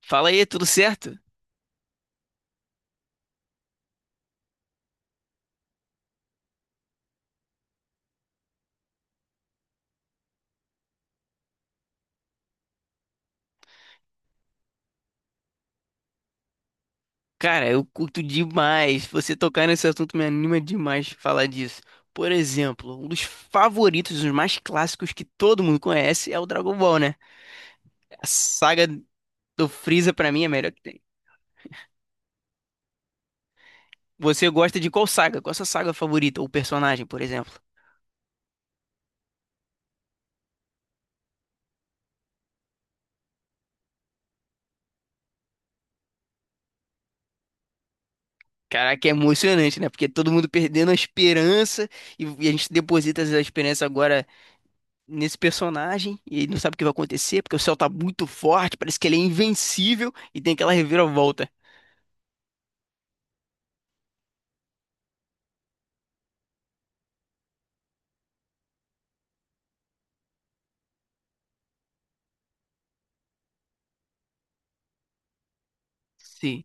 Fala aí, tudo certo? Cara, eu curto demais. Você tocar nesse assunto me anima demais falar disso. Por exemplo, um dos favoritos, os mais clássicos que todo mundo conhece é o Dragon Ball, né? A saga do Freeza pra mim é a melhor que tem. Você gosta de qual saga? Qual a sua saga favorita ou personagem, por exemplo? Caraca, é emocionante, né? Porque todo mundo perdendo a esperança e a gente deposita essa esperança agora nesse personagem e ele não sabe o que vai acontecer, porque o céu tá muito forte, parece que ele é invencível e tem aquela reviravolta. Sim.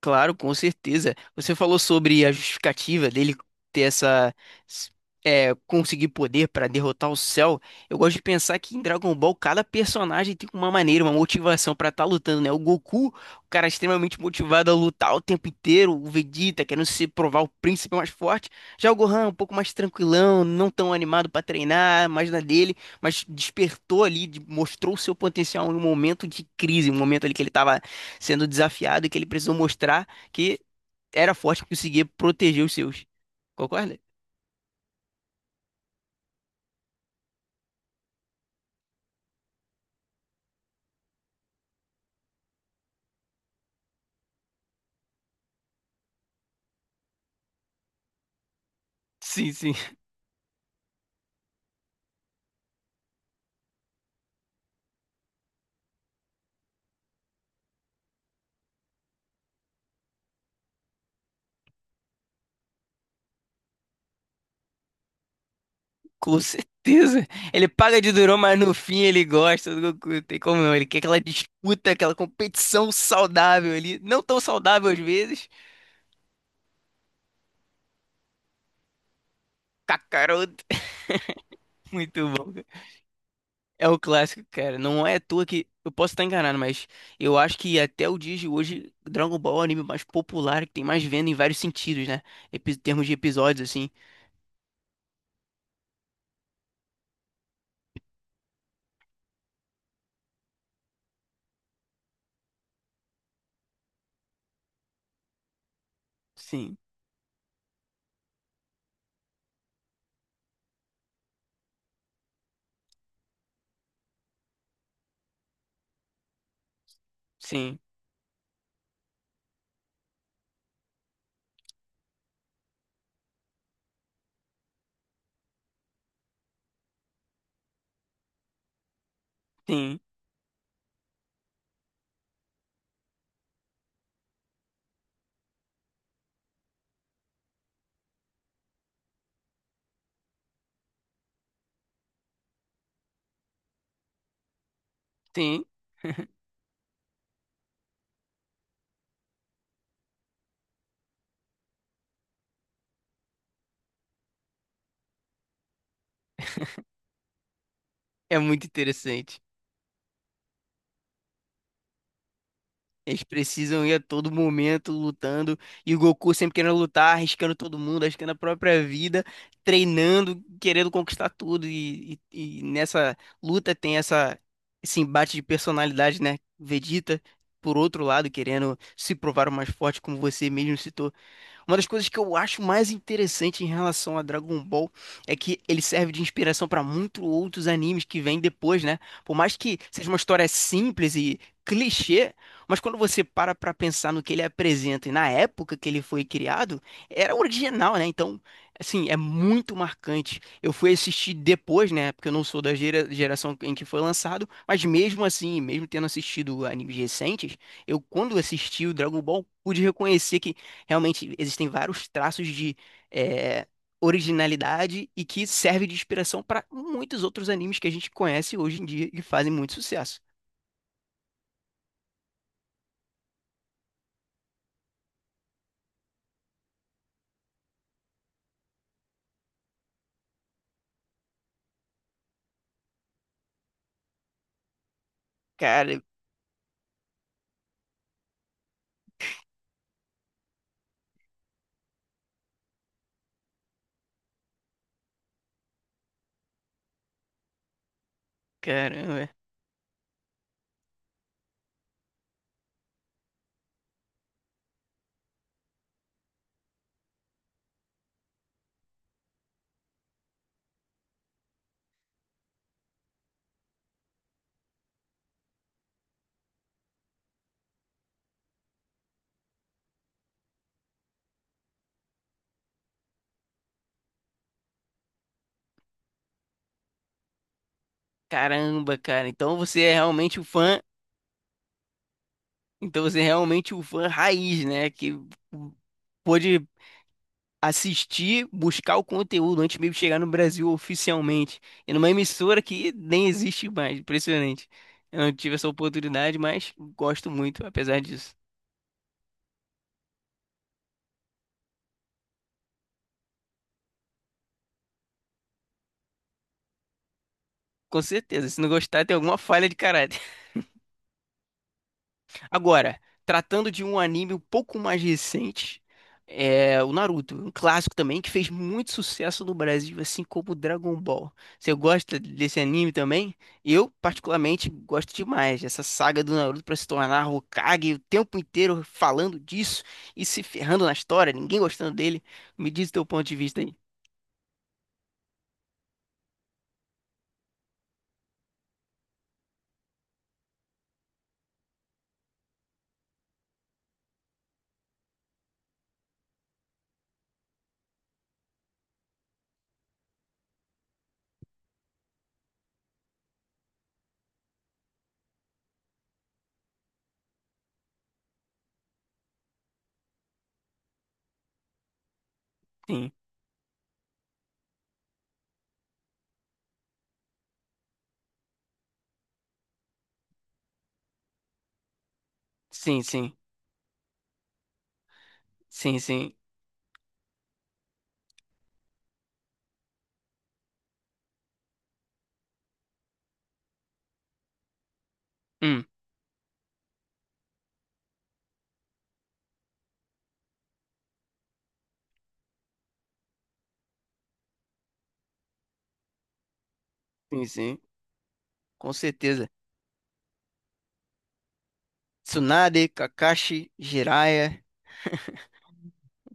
Claro, com certeza. Você falou sobre a justificativa dele ter essa. s- conseguir poder para derrotar o Cell. Eu gosto de pensar que em Dragon Ball cada personagem tem uma maneira, uma motivação para estar lutando, né? O Goku, o cara extremamente motivado a lutar o tempo inteiro. O Vegeta querendo se provar o príncipe mais forte. Já o Gohan, um pouco mais tranquilão, não tão animado para treinar, mais na dele, mas despertou ali, mostrou o seu potencial em um momento de crise, um momento ali que ele estava sendo desafiado e que ele precisou mostrar que era forte, que conseguia proteger os seus. Concorda? Sim, sim, com certeza. Ele paga de durão, mas no fim ele gosta do Goku, não tem como não. Ele quer aquela disputa, aquela competição saudável ali, não tão saudável às vezes. Kakaroto, muito bom, cara. É o clássico, cara. Não é à toa que eu posso estar enganado, mas eu acho que até o dia de hoje Dragon Ball é o anime mais popular que tem mais venda em vários sentidos, né? Em termos de episódios assim. Sim, sim. Sim, sim. É muito interessante. Eles precisam ir a todo momento lutando. E o Goku sempre querendo lutar, arriscando todo mundo, arriscando a própria vida, treinando, querendo conquistar tudo. E nessa luta tem esse embate de personalidade, né? Vegeta, por outro lado, querendo se provar o mais forte, como você mesmo citou. Uma das coisas que eu acho mais interessante em relação a Dragon Ball é que ele serve de inspiração para muitos outros animes que vêm depois, né? Por mais que seja uma história simples e clichê, mas quando você para pensar no que ele apresenta e na época que ele foi criado, era original, né? Então, assim, é muito marcante. Eu fui assistir depois, né? Porque eu não sou da geração em que foi lançado, mas mesmo assim, mesmo tendo assistido animes recentes, eu quando assisti o Dragon Ball pude reconhecer que realmente existem vários traços de é, originalidade e que serve de inspiração para muitos outros animes que a gente conhece hoje em dia e fazem muito sucesso. Cara, caramba, caramba, cara. Então você é realmente o fã raiz, né? Que pôde assistir, buscar o conteúdo antes mesmo de chegar no Brasil oficialmente. E numa emissora que nem existe mais, impressionante. Eu não tive essa oportunidade, mas gosto muito, apesar disso. Com certeza, se não gostar, tem alguma falha de caráter. Agora, tratando de um anime um pouco mais recente, é o Naruto, um clássico também que fez muito sucesso no Brasil, assim como o Dragon Ball. Você gosta desse anime também? Eu, particularmente, gosto demais dessa saga do Naruto para se tornar Hokage, o tempo inteiro falando disso e se ferrando na história, ninguém gostando dele. Me diz o teu ponto de vista aí. Sim, sim, sim, sim, sim. Hum, sim, sim, com certeza. Tsunade, Kakashi, Jiraiya,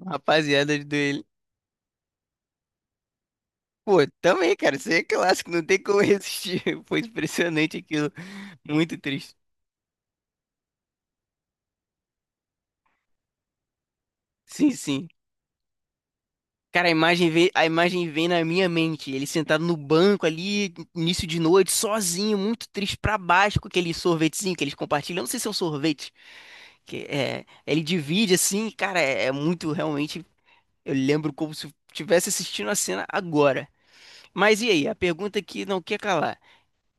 rapaziada dele. Pô, também, cara, isso aí é clássico, não tem como resistir. Foi impressionante aquilo. Muito triste. Sim, sim. Cara, a imagem vem na minha mente. Ele sentado no banco ali, início de noite, sozinho, muito triste, pra baixo, com aquele sorvetezinho que eles compartilham. Eu não sei se é um sorvete, que é, ele divide assim, cara, é muito realmente. Eu lembro como se eu estivesse assistindo a cena agora. Mas e aí? A pergunta que não quer calar.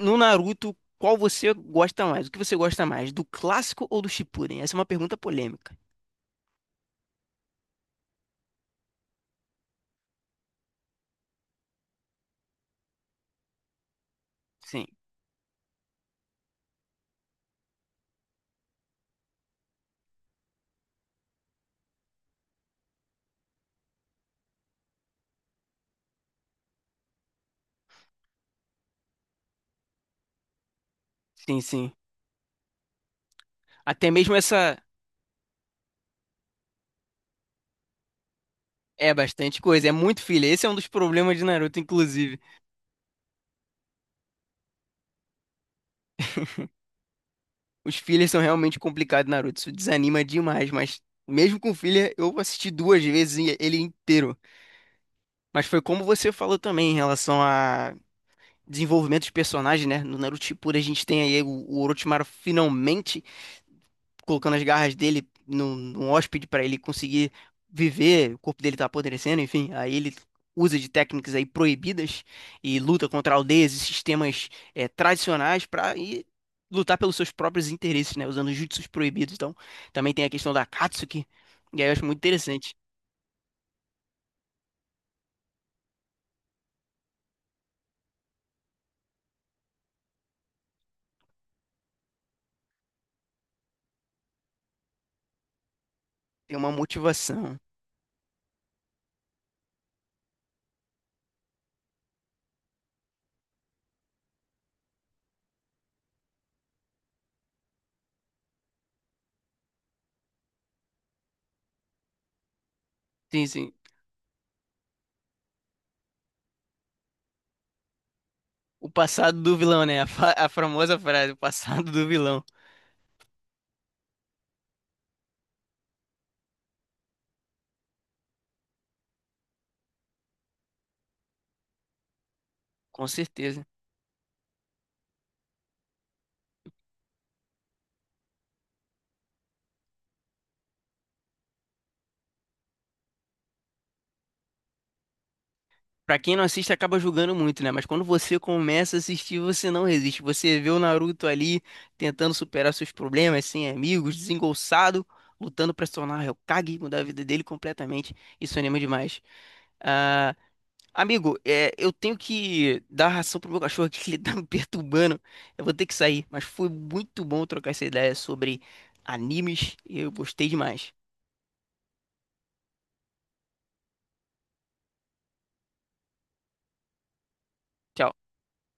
No Naruto, qual você gosta mais? O que você gosta mais, do clássico ou do Shippuden? Essa é uma pergunta polêmica. Sim, sim, sim. Até mesmo essa é bastante coisa, é muito filler. Esse é um dos problemas de Naruto, inclusive. Os fillers são realmente complicados, Naruto. Isso desanima demais, mas mesmo com filler, eu assisti duas vezes ele inteiro. Mas foi como você falou também em relação a desenvolvimento de personagem, né? No Naruto Shippuden a gente tem aí o Orochimaru finalmente colocando as garras dele num hóspede para ele conseguir viver, o corpo dele tá apodrecendo, enfim, aí ele usa de técnicas aí proibidas e luta contra aldeias e sistemas tradicionais para ir lutar pelos seus próprios interesses, né, usando jutsus proibidos. Então, também tem a questão da Katsuki, e aí eu acho muito interessante, tem uma motivação. Sim, sim. O passado do vilão, né? A famosa frase, o passado do vilão. Com certeza. Pra quem não assiste, acaba julgando muito, né? Mas quando você começa a assistir, você não resiste. Você vê o Naruto ali tentando superar seus problemas, sem amigos, desengolçado, lutando pra se tornar o Hokage, mudar a vida dele completamente. Isso anima demais. Ah, amigo, eu tenho que dar ração pro meu cachorro aqui, que ele tá me perturbando. Eu vou ter que sair, mas foi muito bom trocar essa ideia sobre animes, eu gostei demais. Tchau.